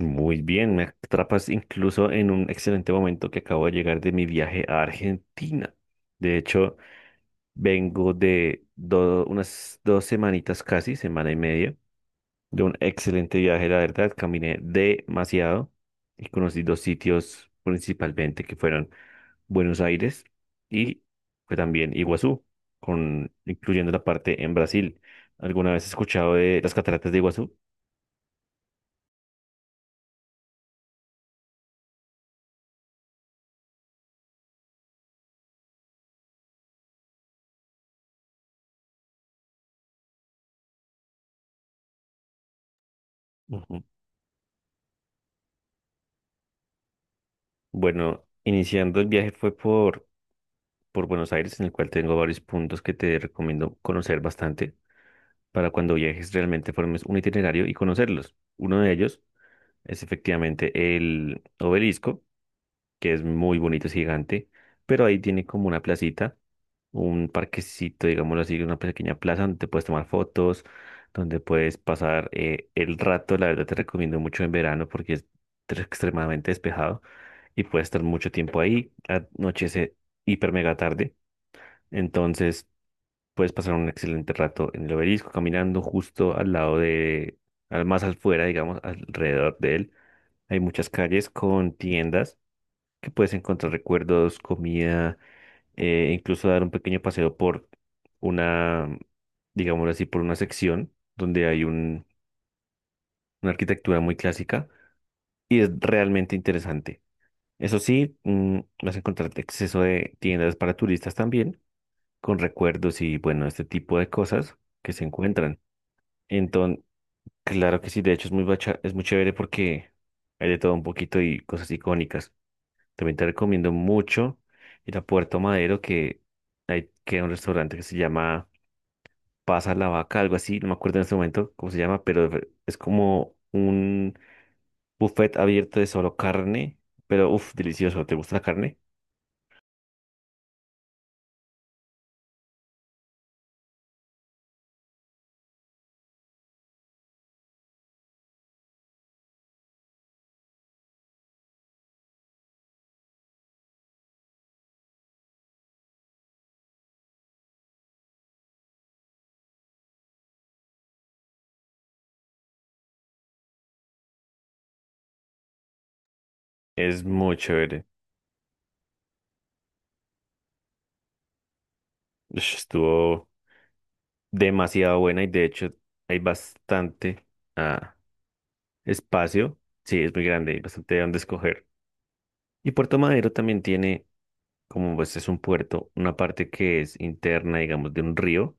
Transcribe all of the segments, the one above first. Muy bien, me atrapas incluso en un excelente momento que acabo de llegar de mi viaje a Argentina. De hecho, vengo de unas dos semanitas casi, semana y media, de un excelente viaje, la verdad. Caminé demasiado y conocí dos sitios principalmente que fueron Buenos Aires y fue también Iguazú, con, incluyendo la parte en Brasil. ¿Alguna vez has escuchado de las cataratas de Iguazú? Ujú. Bueno, iniciando el viaje fue por Buenos Aires, en el cual tengo varios puntos que te recomiendo conocer bastante para cuando viajes realmente formes un itinerario y conocerlos. Uno de ellos es efectivamente el obelisco, que es muy bonito, es gigante, pero ahí tiene como una placita, un parquecito, digámoslo así, una pequeña plaza donde te puedes tomar fotos, donde puedes pasar el rato. La verdad te recomiendo mucho en verano porque es extremadamente despejado y puedes estar mucho tiempo ahí, anochece hiper mega tarde. Entonces, puedes pasar un excelente rato en el obelisco, caminando justo al lado de, al más afuera, digamos, alrededor de él. Hay muchas calles con tiendas que puedes encontrar recuerdos, comida, incluso dar un pequeño paseo por una, digámoslo así, por una sección donde hay una arquitectura muy clásica y es realmente interesante. Eso sí, vas a encontrar exceso de tiendas para turistas también, con recuerdos y bueno, este tipo de cosas que se encuentran. Entonces, claro que sí, de hecho es muy, es muy chévere porque hay de todo un poquito y cosas icónicas. También te recomiendo mucho ir a Puerto Madero, que hay que un restaurante que se llama Pasa la Vaca, algo así, no me acuerdo en este momento cómo se llama, pero es como un buffet abierto de solo carne, pero uff, delicioso, ¿te gusta la carne? Es muy chévere. Ush, estuvo demasiado buena y de hecho hay bastante. ah, Espacio, sí, es muy grande, hay bastante de dónde escoger. Y Puerto Madero también tiene, como pues es un puerto, una parte que es interna, digamos, de un río,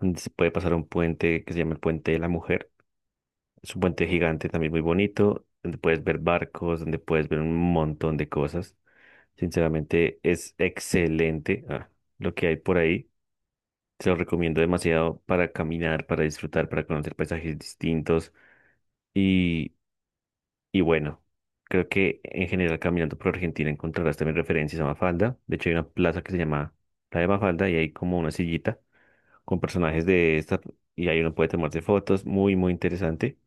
donde se puede pasar un puente que se llama el Puente de la Mujer. Es un puente gigante también muy bonito, donde puedes ver barcos, donde puedes ver un montón de cosas. Sinceramente, es excelente, lo que hay por ahí. Se lo recomiendo demasiado para caminar, para disfrutar, para conocer paisajes distintos. y Y bueno, creo que en general caminando por Argentina encontrarás también referencias a Mafalda. De hecho, hay una plaza que se llama la de Mafalda y hay como una sillita con personajes de esta y ahí uno puede tomarse fotos. Muy, muy interesante.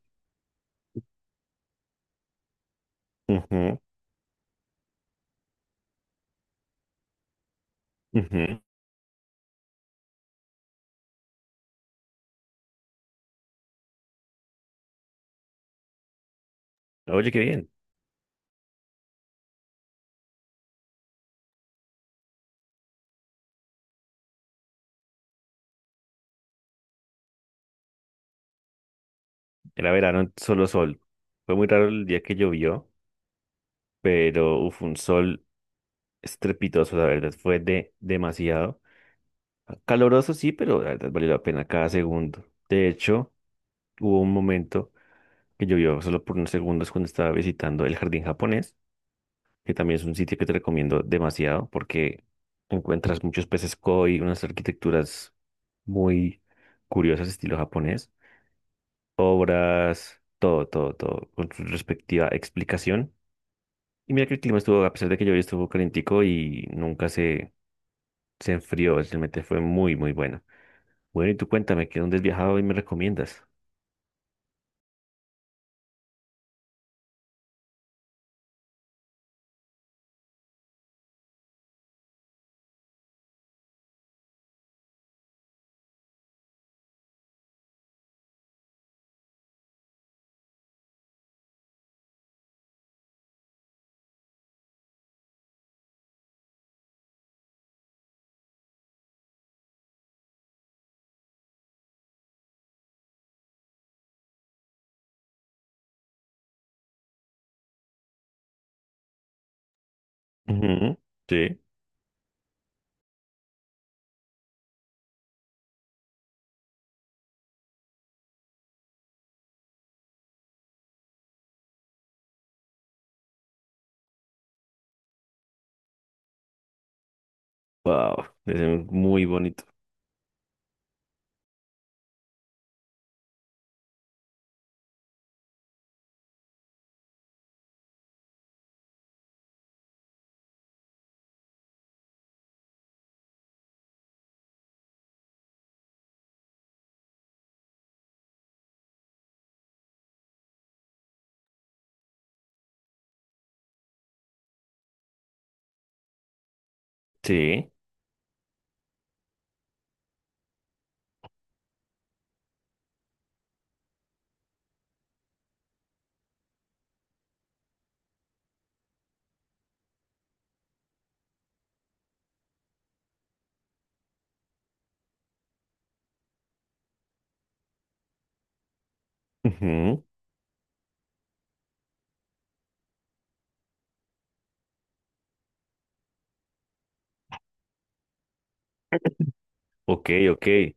Ujú, ujú. Oye, qué bien. Era verano, solo sol. Fue muy raro el día que llovió, pero uf, un sol estrepitoso, la verdad. Fue de demasiado. Caloroso sí, pero la verdad valió la pena cada segundo. De hecho, hubo un momento que llovió solo por unos segundos cuando estaba visitando el jardín japonés, que también es un sitio que te recomiendo demasiado porque encuentras muchos peces koi, unas arquitecturas muy curiosas estilo japonés, obras, todo, todo, todo, con su respectiva explicación. Y mira que el clima estuvo, a pesar de que llovió, estuvo calentico y nunca se enfrió, realmente fue muy, muy bueno. Bueno, y tú cuéntame, ¿qué dónde has viajado y me recomiendas? Ujú, sí. Wow, es muy bonito. Sí. Ujú. Ok, ok, de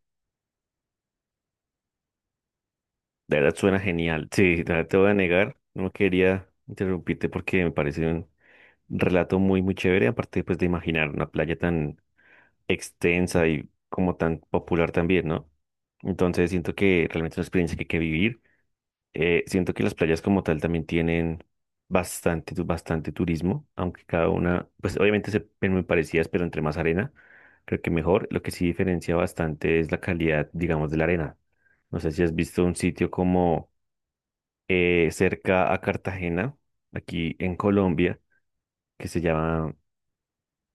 verdad suena genial. Sí, de verdad te voy a negar, no quería interrumpirte porque me parece un relato muy, muy chévere, aparte pues de imaginar una playa tan extensa y como tan popular también, ¿no? Entonces siento que realmente es una experiencia que hay que vivir. Siento que las playas como tal también tienen bastante, bastante turismo, aunque cada una, pues obviamente se ven muy parecidas, pero entre más arena, creo que mejor. Lo que sí diferencia bastante es la calidad, digamos, de la arena. No sé si has visto un sitio como cerca a Cartagena, aquí en Colombia, que se llama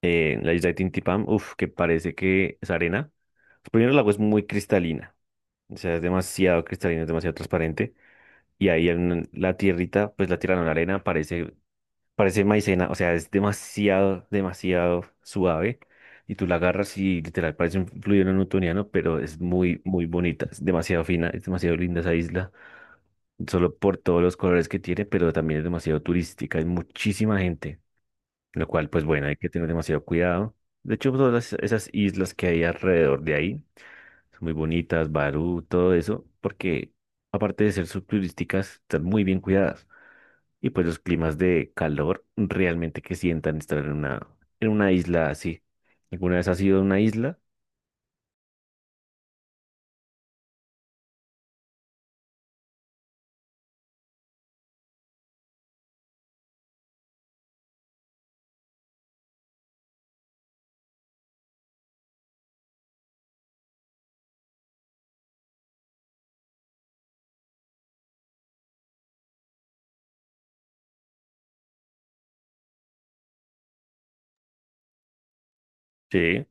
la isla de Tintipán. Uf, que parece que es arena. Pues, primero, el agua es muy cristalina, o sea, es demasiado cristalina, es demasiado transparente. Y ahí en la tierrita, pues la tierra no, la arena parece, parece maicena, o sea, es demasiado, demasiado suave. Y tú la agarras y literal parece un fluido newtoniano, pero es muy, muy bonita, es demasiado fina, es demasiado linda esa isla, solo por todos los colores que tiene, pero también es demasiado turística, hay muchísima gente, lo cual, pues bueno, hay que tener demasiado cuidado. De hecho, esas islas que hay alrededor de ahí son muy bonitas, Barú, todo eso, porque aparte de ser subturísticas, están muy bien cuidadas y pues los climas de calor realmente que sientan estar en una isla así. ¿Alguna vez has ido a una isla? Sí,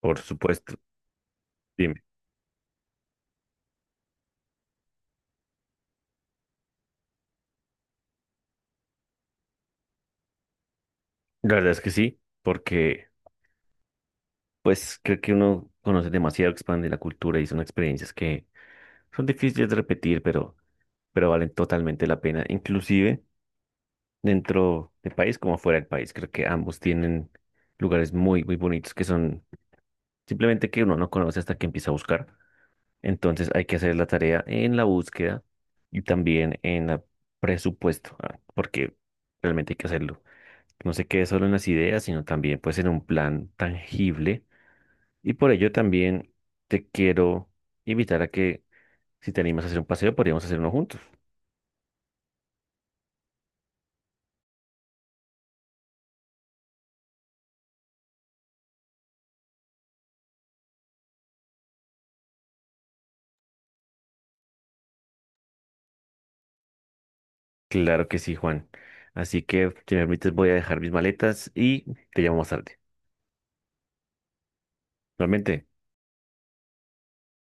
por supuesto. Dime. La verdad es que sí, porque pues creo que uno conoce demasiado, expande la cultura y son experiencias que son difíciles de repetir, pero valen totalmente la pena, inclusive dentro del país como fuera del país. Creo que ambos tienen lugares muy, muy bonitos que son simplemente que uno no conoce hasta que empieza a buscar. Entonces hay que hacer la tarea en la búsqueda y también en el presupuesto, porque realmente hay que hacerlo. No se quede solo en las ideas, sino también pues en un plan tangible. Y por ello también te quiero invitar a que si te animas a hacer un paseo, podríamos hacer uno juntos. Claro que sí, Juan. Así que, si me permites, voy a dejar mis maletas y te llamo más tarde. Realmente.